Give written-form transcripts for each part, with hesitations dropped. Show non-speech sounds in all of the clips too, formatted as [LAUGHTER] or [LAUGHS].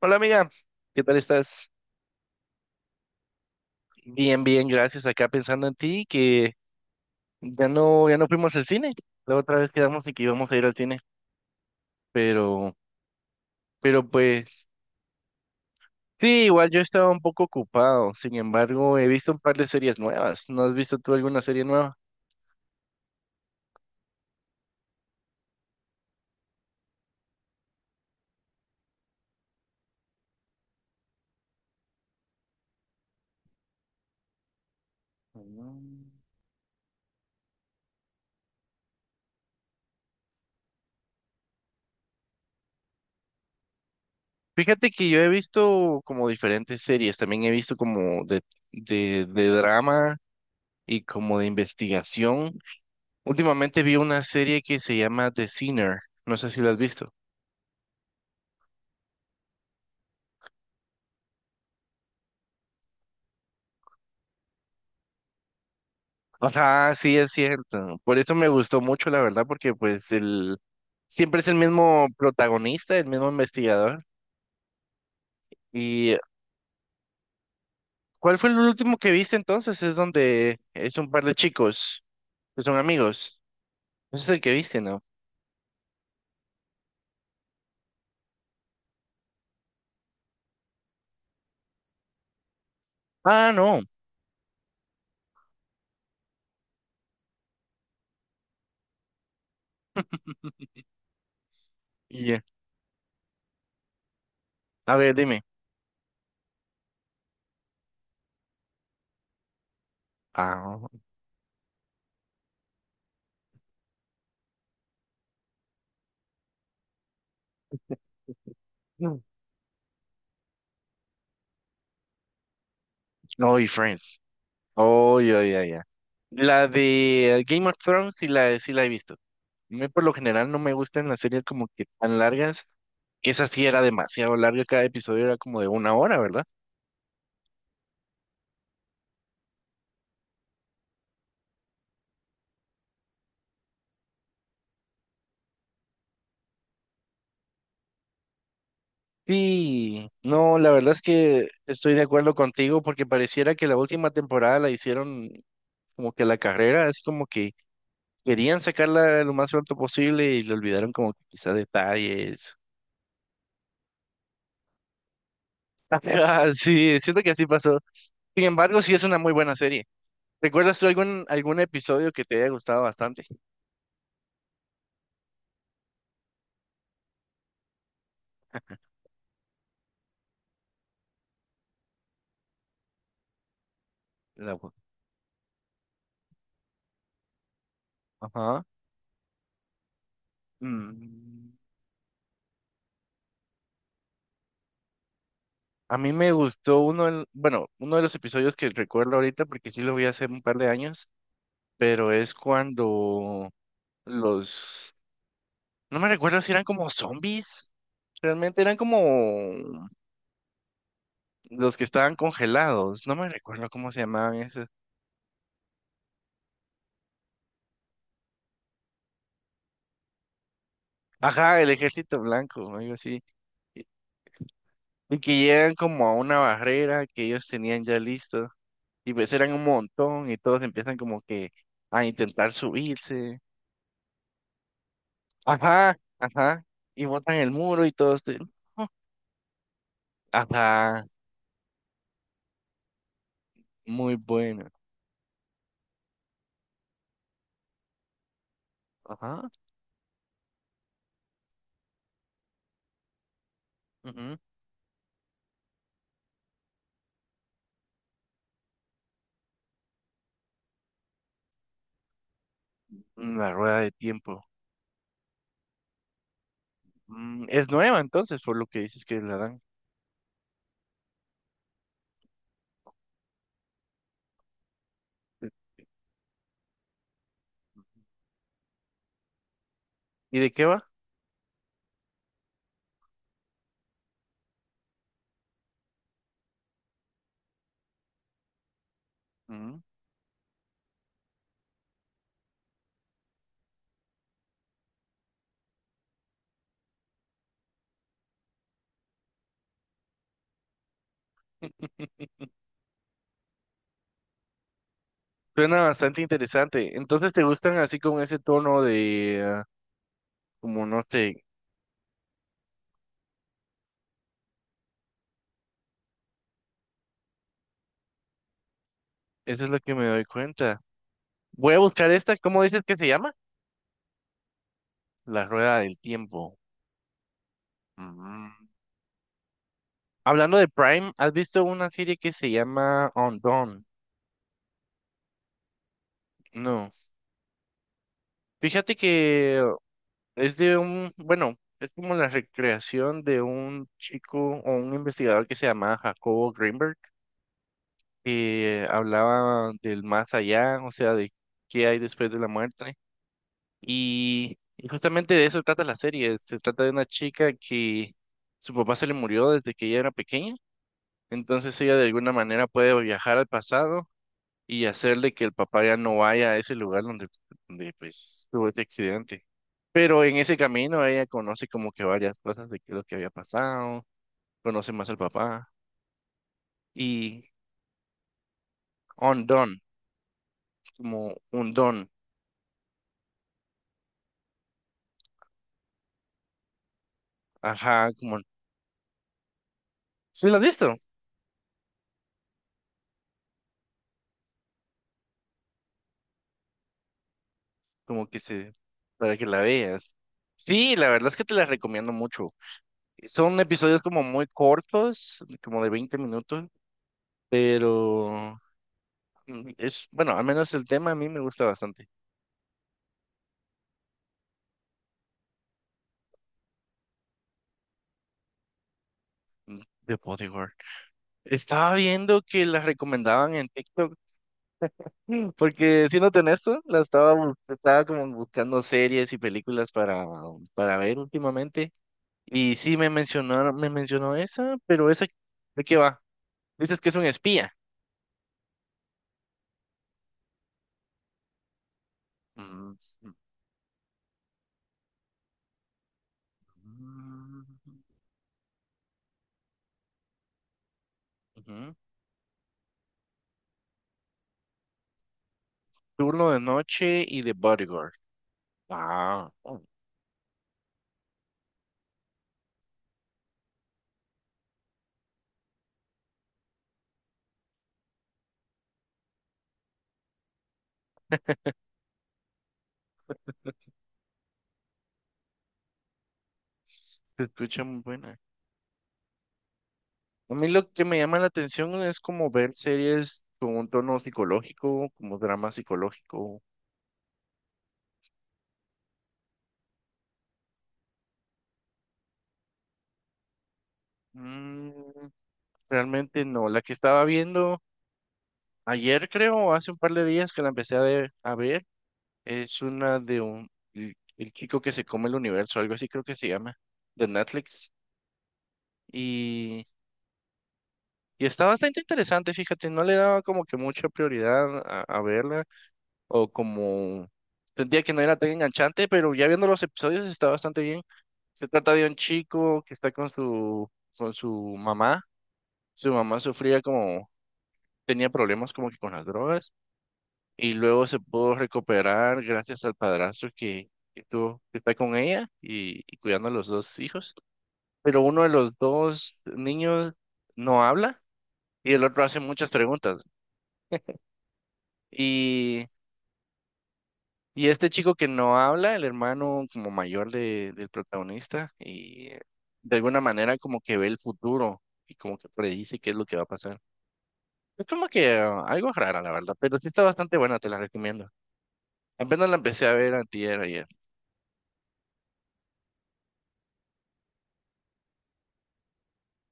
Hola amiga, ¿qué tal estás? Bien, bien, gracias. Acá pensando en ti, que ya no, ya no fuimos al cine. La otra vez quedamos y que íbamos a ir al cine, pero, pero pues, sí, igual yo estaba un poco ocupado. Sin embargo, he visto un par de series nuevas. ¿No has visto tú alguna serie nueva? Mm. Fíjate que yo he visto como diferentes series. También he visto como de drama y como de investigación. Últimamente vi una serie que se llama The Sinner. No sé si la has visto. Ajá, sí, es cierto. Por eso me gustó mucho, la verdad, porque pues el siempre es el mismo protagonista, el mismo investigador. ¿Y cuál fue el último que viste entonces? Es donde es un par de chicos que son amigos. Ese es el que viste, ¿no? Ah, no. Ya. A ver, dime. Ah, no, no, y Friends. Oh, ya, ya, ya. La de Game of Thrones sí la he visto. A mí por lo general no me gustan las series como que tan largas, que esa sí era demasiado larga, cada episodio era como de una hora, ¿verdad? Sí, no, la verdad es que estoy de acuerdo contigo, porque pareciera que la última temporada la hicieron como que la carrera, es como que querían sacarla lo más pronto posible y le olvidaron como que quizá detalles. [LAUGHS] Ah, sí, siento que así pasó. Sin embargo, sí es una muy buena serie. ¿Recuerdas tú algún episodio que te haya gustado bastante? La- Ajá. Mm. A mí me gustó uno, bueno, uno de los episodios que recuerdo ahorita, porque sí lo vi hace un par de años, pero es cuando los, no me recuerdo si eran como zombies, realmente eran como los que estaban congelados. No me recuerdo cómo se llamaban esos. Ajá, el Ejército Blanco, algo así. Y y que llegan como a una barrera que ellos tenían ya listo, y pues eran un montón y todos empiezan como que a intentar subirse. Ajá, ajá, y botan el muro y todo. Ajá, muy buena. Ajá. Ujú. Mm. La rueda de tiempo. Es nueva entonces, por lo que dices que la dan. ¿Y de qué va? Mm. [LAUGHS] Suena bastante interesante. Entonces te gustan así con ese tono de, como no sé, eso es lo que me doy cuenta. Voy a buscar esta, ¿cómo dices que se llama? La rueda del tiempo. Mm. Hablando de Prime, ¿has visto una serie que se llama On Dawn? No. Fíjate que es de un, bueno, es como la recreación de un chico o un investigador que se llamaba Jacobo Greenberg, que hablaba del más allá, o sea, de qué hay después de la muerte. Y justamente de eso trata la serie. Se trata de una chica que su papá se le murió desde que ella era pequeña. Entonces ella de alguna manera puede viajar al pasado y hacerle que el papá ya no vaya a ese lugar donde, pues tuvo este accidente. Pero en ese camino ella conoce como que varias cosas de qué es lo que había pasado, conoce más al papá y undone, como un don, ajá, como, ¿sí lo has visto? Como que se, para que la veas. Sí, la verdad es que te la recomiendo mucho. Son episodios como muy cortos, como de 20 minutos, pero es, bueno, al menos el tema a mí me gusta bastante. Mm. De bodyguard. Estaba viendo que las recomendaban en TikTok, porque siéndote honesto, la estaba, estaba como buscando series y películas para ver últimamente. Y sí me mencionaron, me mencionó esa, pero esa, ¿de qué va? Dices que es un espía. Mm, mm, ujú. Turno de noche y de bodyguard. Ah, oh, se escucha muy buena. A mí lo que me llama la atención es como ver series con un tono psicológico, como drama psicológico. Mm, Realmente no. La que estaba viendo ayer, creo, o hace un par de días que la empecé a, a ver, es una de el chico que se come el universo, algo así creo que se llama, de Netflix. Y, y está bastante interesante, fíjate, no le daba como que mucha prioridad a, verla, o como sentía que no era tan enganchante, pero ya viendo los episodios está bastante bien. Se trata de un chico que está con su, mamá. Su mamá sufría como, tenía problemas como que con las drogas y luego se pudo recuperar gracias al padrastro que tuvo, que está con ella y cuidando a los dos hijos. Pero uno de los dos niños no habla y el otro hace muchas preguntas. Y, y este chico que no habla, el hermano como mayor del protagonista, y de alguna manera como que ve el futuro y como que predice qué es lo que va a pasar. Es como que algo rara, la verdad, pero sí está bastante buena, te la recomiendo. Apenas la empecé a ver antier ayer.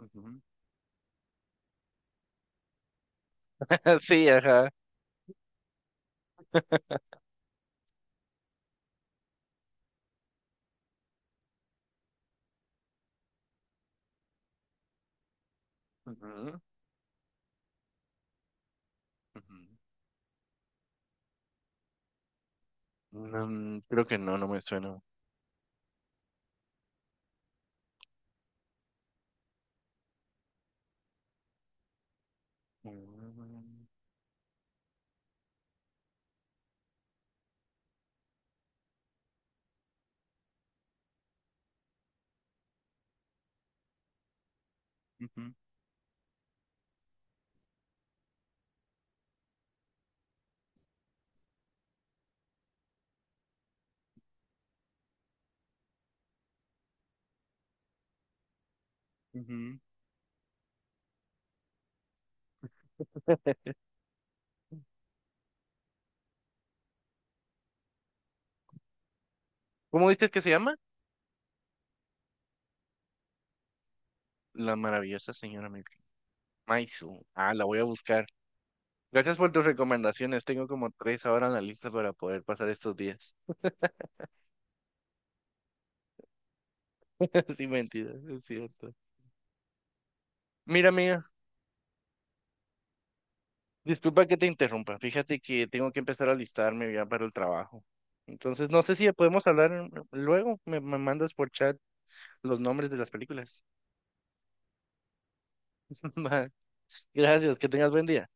Ujú. [LAUGHS] Sí, ajá. Ujú, ujú. No, creo que no, no me suena. Mm, ujú, ujú. [LAUGHS] ¿Cómo dices que se llama? La maravillosa señora Maisel. Maisel. Ah, la voy a buscar. Gracias por tus recomendaciones. Tengo como tres ahora en la lista para poder pasar estos días. [LAUGHS] Sin mentira es cierto. Mira, amiga, disculpa que te interrumpa. Fíjate que tengo que empezar a alistarme ya para el trabajo. Entonces, no sé si podemos hablar luego. Me mandas por chat los nombres de las películas. [LAUGHS] Va. Gracias, que tengas buen día.